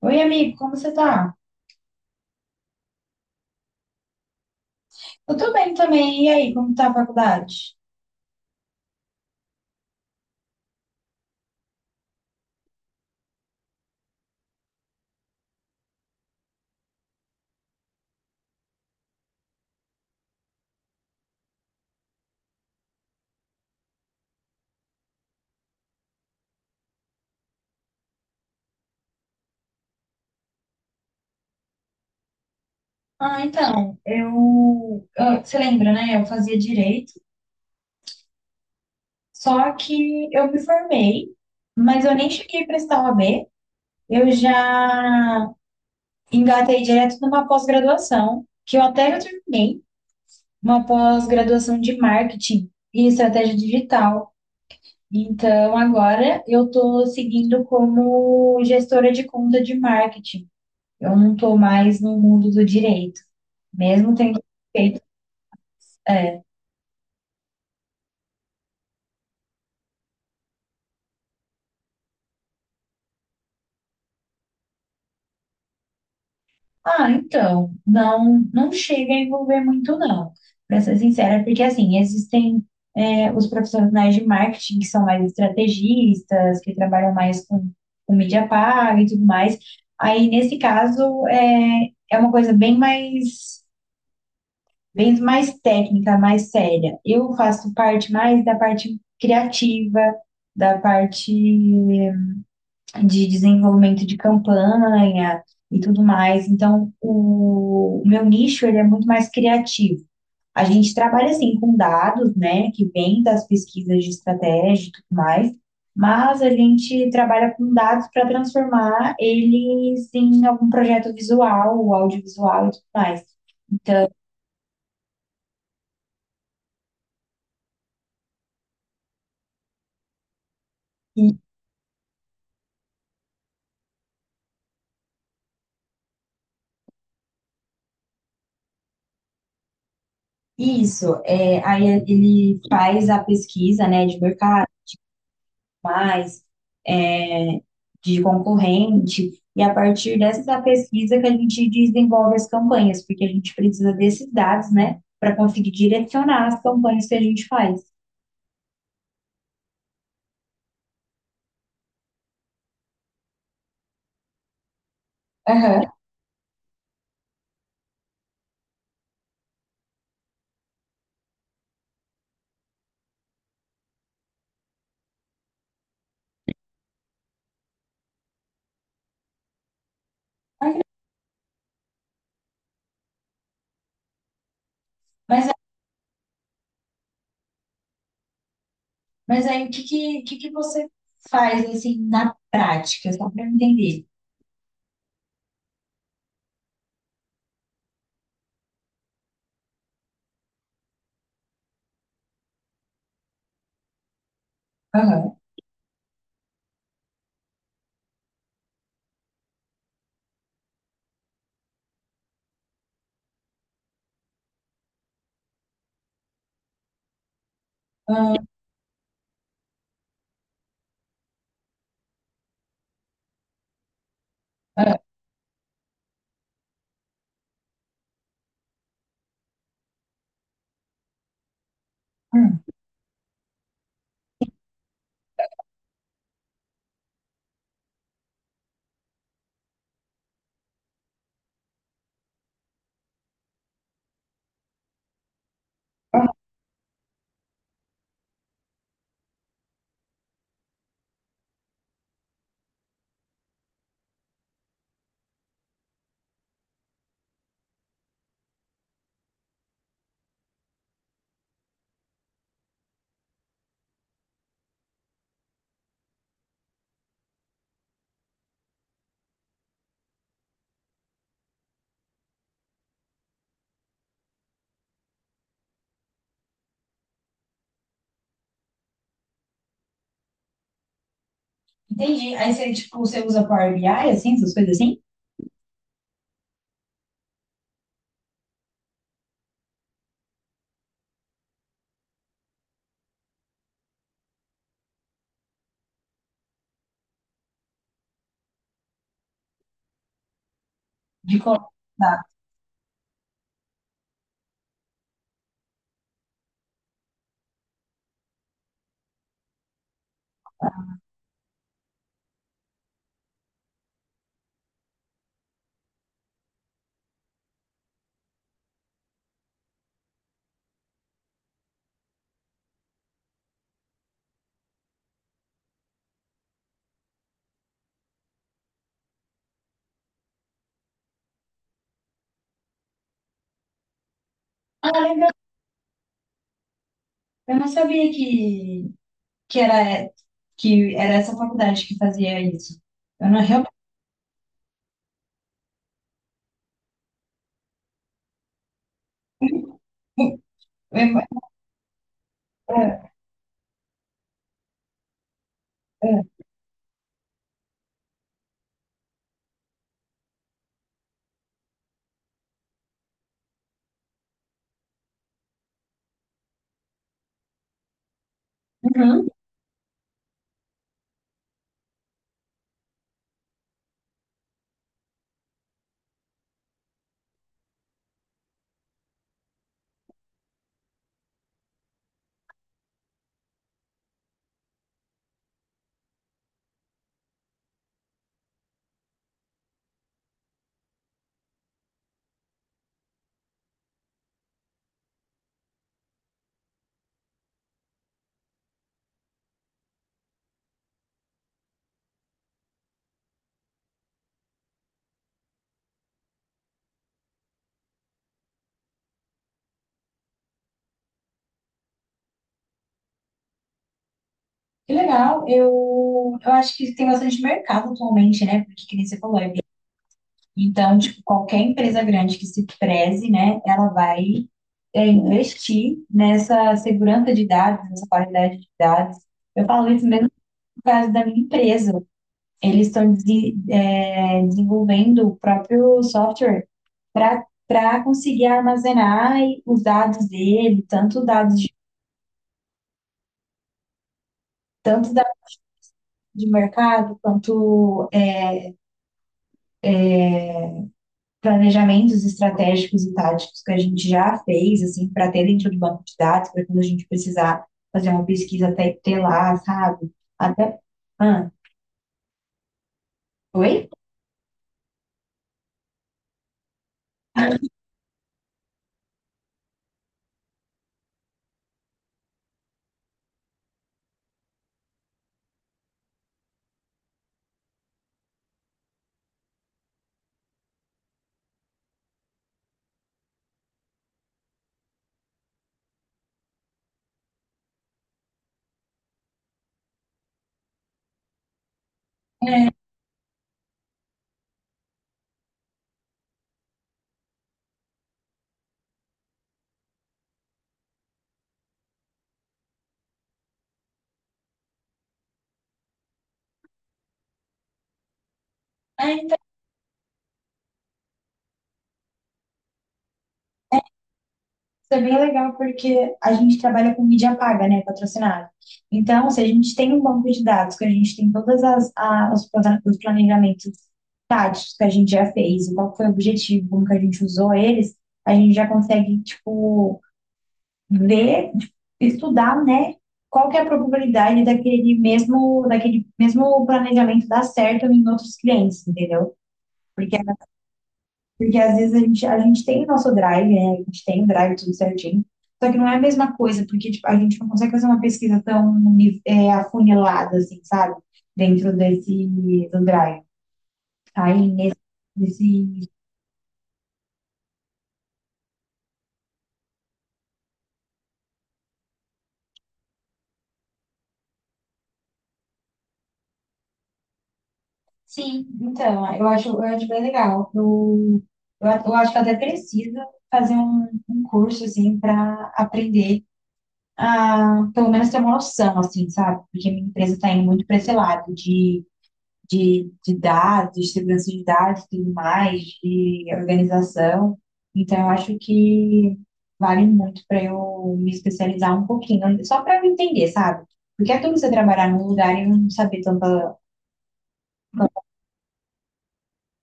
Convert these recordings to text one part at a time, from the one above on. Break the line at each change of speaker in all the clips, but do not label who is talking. Oi, amigo, como você tá? Eu tô bem também. E aí, como tá a faculdade? Ah, então, você lembra, né? Eu fazia direito, só que eu me formei, mas eu nem cheguei a prestar OAB. Eu já engatei direto numa pós-graduação, que eu até já terminei, uma pós-graduação de marketing e estratégia digital. Então, agora eu tô seguindo como gestora de conta de marketing. Eu não estou mais no mundo do direito, mesmo tendo feito. É, então, não, não chega a envolver muito, não, para ser sincera, porque assim, existem os profissionais de marketing que são mais estrategistas, que trabalham mais com mídia paga e tudo mais. Aí, nesse caso, é uma coisa bem mais técnica, mais séria. Eu faço parte mais da parte criativa, da parte de desenvolvimento de campanha e tudo mais. Então, o meu nicho ele é muito mais criativo. A gente trabalha assim com dados, né, que vem das pesquisas de estratégia e tudo mais, mas a gente trabalha com dados para transformar eles em algum projeto visual, ou audiovisual e tudo mais. E isso, é, aí ele faz a pesquisa, né, de mercado, mais de concorrente, e a partir dessa pesquisa que a gente desenvolve as campanhas, porque a gente precisa desses dados, né, para conseguir direcionar as campanhas que a gente faz. Aham. Mas, mas aí o que, que você faz assim na prática, só para eu entender? Aham. Aham, aham, hum. Entendi. Aí você, tipo, você usa Power BI, assim, essas coisas assim? De colocar. Ah, legal. Eu não sabia que, era, que era essa faculdade que fazia isso. Eu não realmente. eu- é, é. Uhum. Que legal. Eu acho que tem bastante mercado atualmente, né? Porque, que nem você falou, é. Então, tipo, qualquer empresa grande que se preze, né, ela vai investir nessa segurança de dados, nessa qualidade de dados. Eu falo isso mesmo no caso da minha empresa. Eles estão desenvolvendo o próprio software para conseguir armazenar os dados dele, tanto dados de mercado quanto planejamentos estratégicos e táticos que a gente já fez, assim, para ter dentro do banco de dados, para quando a gente precisar fazer uma pesquisa até ter lá, sabe? Até. Ah, oi? É, então, isso é bem legal porque a gente trabalha com mídia paga, né, patrocinada. Então, se a gente tem um banco de dados, que a gente tem todas os os planejamentos táticos que a gente já fez, e qual foi o objetivo, como que a gente usou eles, a gente já consegue, tipo, ver, estudar, né, qual que é a probabilidade daquele mesmo planejamento dar certo em outros clientes, entendeu? Porque, porque às vezes a gente tem o nosso drive, né, a gente tem o drive tudo certinho, só que não é a mesma coisa, porque tipo, a gente não consegue fazer uma pesquisa tão afunilada, assim, sabe? Dentro desse do drive. Aí, nesse. Sim, então, eu acho bem legal. Eu acho que eu até preciso fazer um curso, assim, para aprender a, pelo menos, ter uma noção, assim, sabe? Porque minha empresa está indo muito para esse lado de dados, de segurança de dados e tudo mais, de organização. Então, eu acho que vale muito para eu me especializar um pouquinho, só para eu entender, sabe? Porque é tudo você trabalhar num lugar e não saber tanto.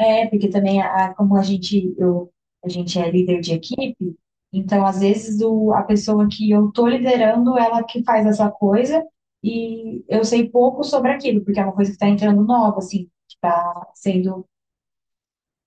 É, porque também como a gente, eu, a gente é líder de equipe, então às vezes a pessoa que eu tô liderando, ela que faz essa coisa e eu sei pouco sobre aquilo, porque é uma coisa que está entrando nova, assim, que está sendo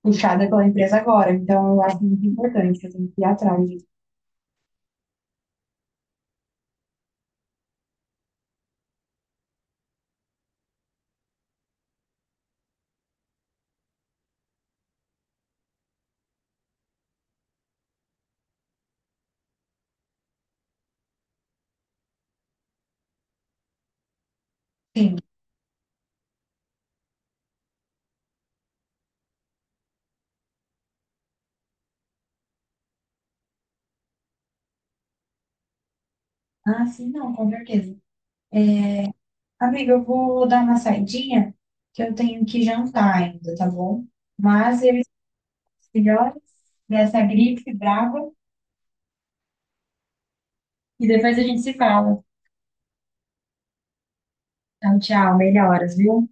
puxada pela empresa agora. Então eu acho muito importante, que eu tenho que ir atrás disso. Sim. Ah, sim, não, com certeza. Amiga, eu vou dar uma saidinha, que eu tenho que jantar ainda, tá bom? Mas eu estou melhor dessa gripe brava. E depois a gente se fala. Então, tchau, melhoras, viu?